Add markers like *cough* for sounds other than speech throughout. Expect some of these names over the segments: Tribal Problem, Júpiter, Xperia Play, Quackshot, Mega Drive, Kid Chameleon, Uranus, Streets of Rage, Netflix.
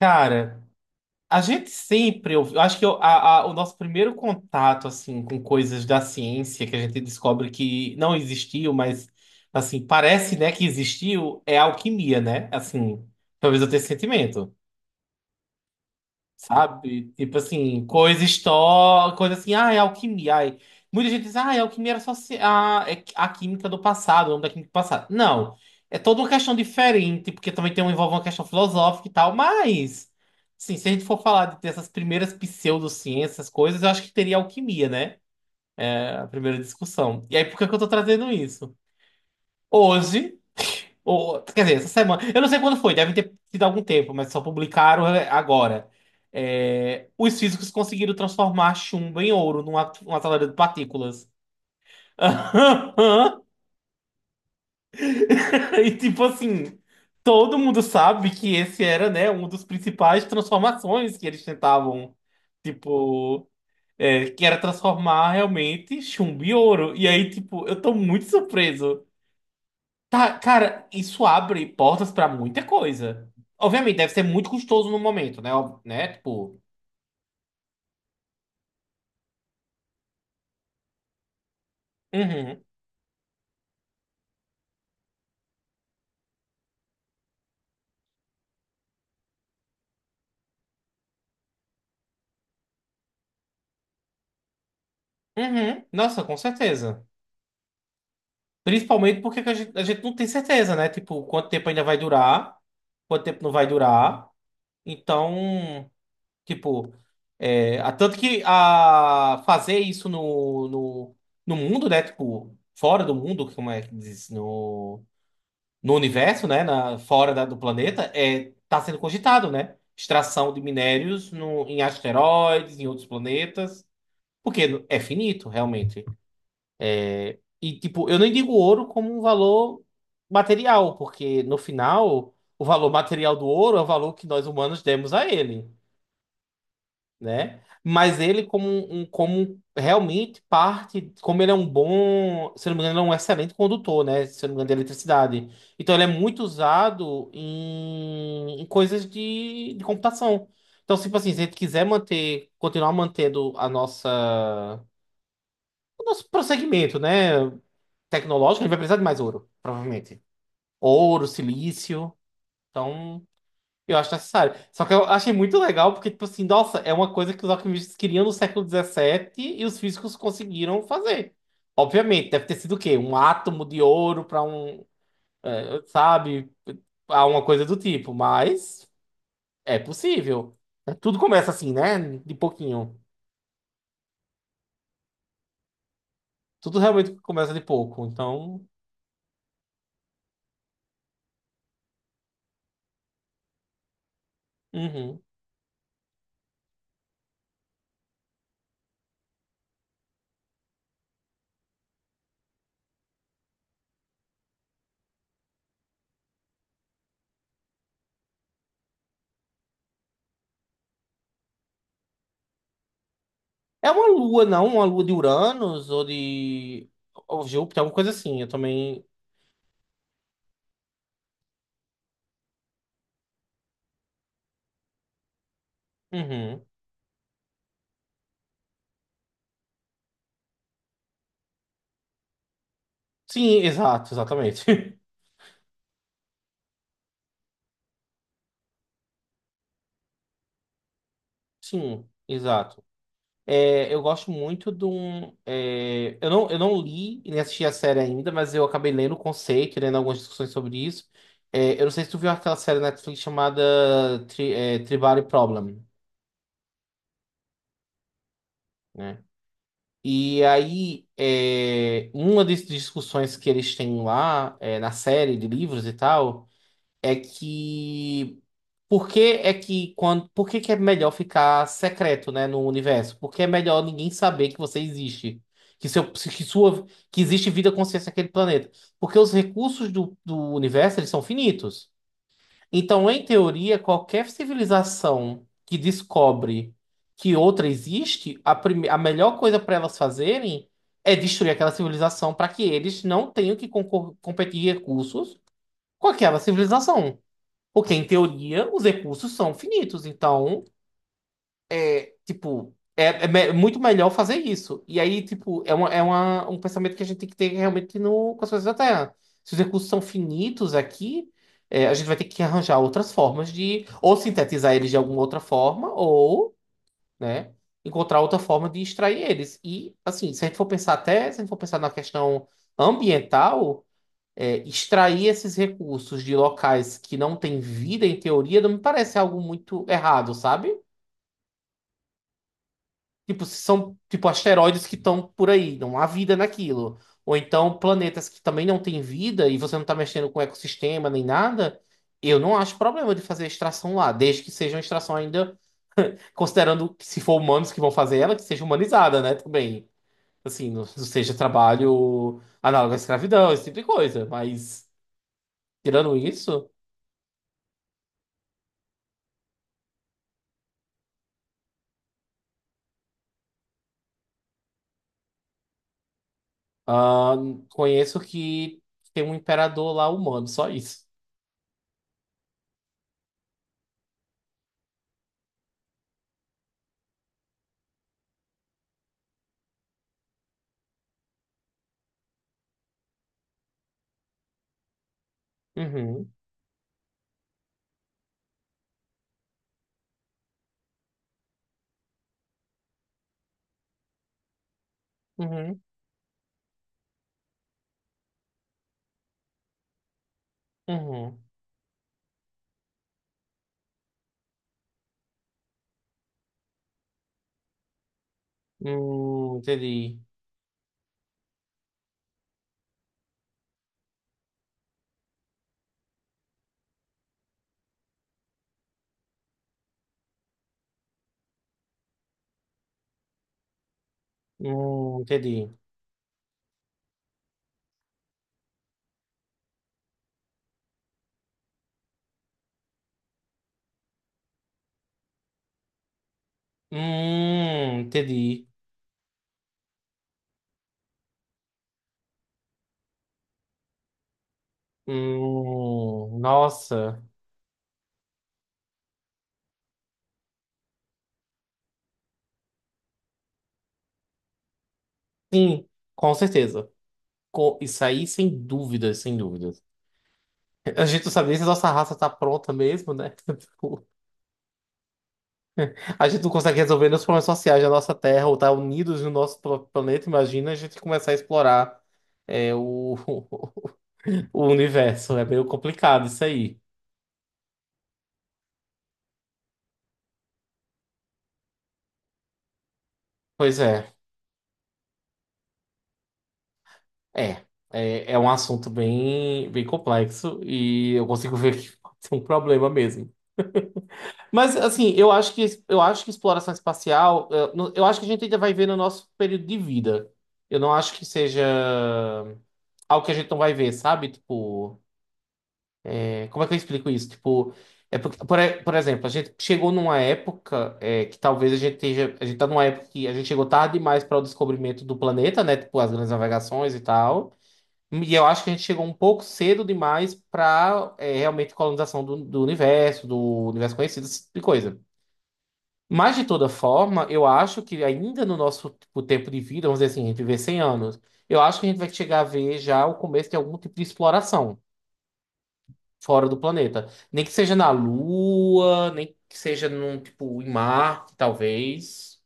Cara, a gente sempre ouviu. Eu Acho que eu- a- O nosso primeiro contato assim com coisas da ciência que a gente descobre que não existiu, mas assim parece, né, que existiu é a alquimia, né? Assim, talvez eu tenha esse sentimento. Sabe? Tipo assim, coisa assim, ah, é alquimia. Ai. Muita gente diz, ah, é alquimia era só é a química do passado, o nome da química do passado. Não, é toda uma questão diferente, porque também tem, envolve uma questão filosófica e tal, mas, assim, se a gente for falar dessas primeiras pseudociências, essas coisas, eu acho que teria alquimia, né? É a primeira discussão. E aí, por que que eu tô trazendo isso? Hoje. Ou, quer dizer, essa semana. Eu não sei quando foi, deve ter sido algum tempo, mas só publicaram é, agora. É, os físicos conseguiram transformar chumbo em ouro numa acelerador de partículas. *laughs* E tipo assim, todo mundo sabe que esse era, né, um dos principais transformações que eles tentavam. Tipo, é, que era transformar realmente chumbo em ouro. E aí, tipo, eu tô muito surpreso. Tá, cara, isso abre portas pra muita coisa. Obviamente, deve ser muito custoso no momento, né? Ó, né? Tipo, uhum, uhum. Nossa, com certeza. Principalmente porque que a gente não tem certeza, né? Tipo, quanto tempo ainda vai durar, quanto tempo não vai durar. Então, tipo, é, tanto que a fazer isso no, no, no mundo, né? Tipo, fora do mundo, como é que diz? No universo, né, na, fora do planeta, é, tá sendo cogitado, né? Extração de minérios no, em asteroides, em outros planetas, porque é finito, realmente. É, e, tipo, eu nem digo ouro como um valor material, porque no final, o valor material do ouro é o valor que nós humanos demos a ele, né? Mas ele como um, como realmente parte, como ele é um bom, se eu não me engano, ele é um excelente condutor, né? Se eu não me engano, de eletricidade. Então ele é muito usado em, em coisas de computação. Então, tipo assim, se a gente quiser manter, continuar mantendo a nossa, o nosso prosseguimento, né, tecnológico, a gente vai precisar de mais ouro, provavelmente. Ouro, silício. Então, eu acho necessário. Só que eu achei muito legal porque, tipo assim, nossa, é uma coisa que os alquimistas queriam no século 17 e os físicos conseguiram fazer. Obviamente, deve ter sido o quê? Um átomo de ouro para um, é, sabe, alguma coisa do tipo, mas é possível. É, tudo começa assim, né? De pouquinho. Tudo realmente começa de pouco. Então, uhum. É uma lua, não? Uma lua de Uranus ou de ou Júpiter, alguma coisa assim. Eu também. Uhum. Sim, exato, exatamente. *laughs* Sim, exato. É, eu gosto muito de um. É, eu não li e nem assisti a série ainda, mas eu acabei lendo o conceito, lendo algumas discussões sobre isso. É, eu não sei se tu viu aquela série na Netflix chamada Tribal Problem, né? E aí, é, uma das discussões que eles têm lá, é, na série de livros e tal. É que por que que é melhor ficar secreto, né, no universo? Porque é melhor ninguém saber que você existe, que seu que sua que existe vida consciente naquele planeta, porque os recursos do, do universo eles são finitos. Então, em teoria, qualquer civilização que descobre que outra existe, a melhor coisa para elas fazerem é destruir aquela civilização para que eles não tenham que competir em recursos com aquela civilização. Porque, em teoria, os recursos são finitos. Então, é, tipo, é, muito melhor fazer isso. E aí, tipo, é, um pensamento que a gente tem que ter realmente no, com as coisas da Terra. Se os recursos são finitos aqui, é, a gente vai ter que arranjar outras formas de ou sintetizar eles de alguma outra forma, ou, né, encontrar outra forma de extrair eles. E, assim, se a gente for pensar até, se a gente for pensar na questão ambiental, é, extrair esses recursos de locais que não têm vida, em teoria, não me parece algo muito errado, sabe? Tipo, se são tipo asteroides que estão por aí, não há vida naquilo. Ou então planetas que também não têm vida e você não está mexendo com o ecossistema nem nada, eu não acho problema de fazer extração lá, desde que seja uma extração ainda, considerando que se for humanos que vão fazer ela, que seja humanizada, né, também. Assim, não não seja trabalho análogo à escravidão, esse tipo de coisa. Mas, tirando isso. Ah, conheço que tem um imperador lá humano, só isso. Uhum, uhum, uhum. Entendi. Entendi. Entendi. Nossa. Sim, com certeza. Co- isso aí, sem dúvidas, sem dúvidas. A gente não sabe nem se a nossa raça tá pronta mesmo, né? *laughs* Tipo, a gente não consegue resolver nos problemas sociais da nossa Terra ou tá unidos no nosso planeta. Imagina a gente começar a explorar é, o, *laughs* o universo é meio complicado isso aí. Pois é, é. É, é um assunto bem, bem complexo e eu consigo ver que *laughs* pode ser um problema mesmo. Mas assim, eu acho que exploração espacial, eu, não- eu acho que a gente ainda vai ver no nosso período de vida. Eu não acho que seja algo que a gente não vai ver, sabe? Tipo, é, como é que eu explico isso? Tipo, é porque, por, por exemplo, a gente chegou numa época é, que talvez a gente esteja, a gente tá numa época que a gente chegou tarde demais para o descobrimento do planeta, né? Tipo, as grandes navegações e tal. E eu acho que a gente chegou um pouco cedo demais para realmente colonização do, do universo conhecido, esse tipo de coisa. Mas, de toda forma, eu acho que ainda no nosso tipo, tempo de vida, vamos dizer assim, a gente viver 100 anos, eu acho que a gente vai chegar a ver já o começo de algum tipo de exploração fora do planeta. Nem que seja na Lua, nem que seja num, tipo, em Marte, talvez.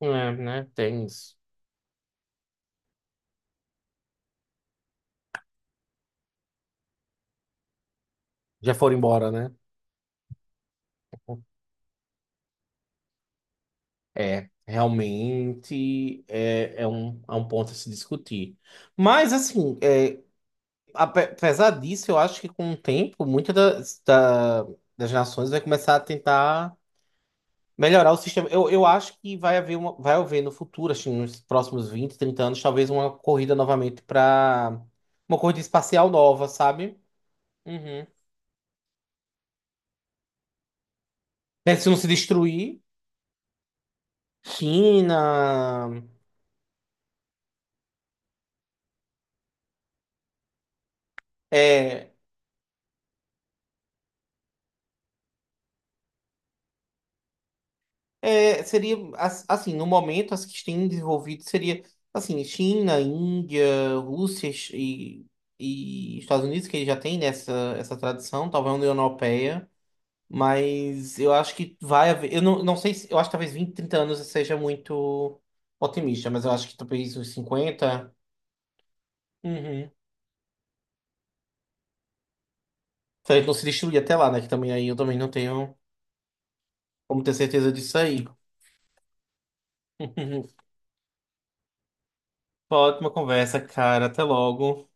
É, né? Tem isso. Já foram embora, né? É, realmente é, é um ponto a se discutir. Mas, assim, é, apesar disso, eu acho que com o tempo, muitas das, das nações vai começar a tentar. Melhorar o sistema. Eu acho que vai haver uma, vai haver no futuro, acho que nos próximos 20 30 anos, talvez uma corrida novamente para uma corrida espacial nova, sabe? Uhum. É, se não se destruir, China. É, é, seria assim, no momento, as que têm desenvolvido seria assim, China, Índia, Rússia e Estados Unidos, que já tem nessa essa tradição, talvez a União Europeia. Mas eu acho que vai haver. Eu não, não sei se. Eu acho que talvez 20 30 anos eu seja muito otimista, mas eu acho que talvez uns 50. Uhum. Se a gente não se destruir até lá, né? Que também aí eu também não tenho como ter certeza disso aí. *laughs* Foi uma ótima conversa, cara. Até logo.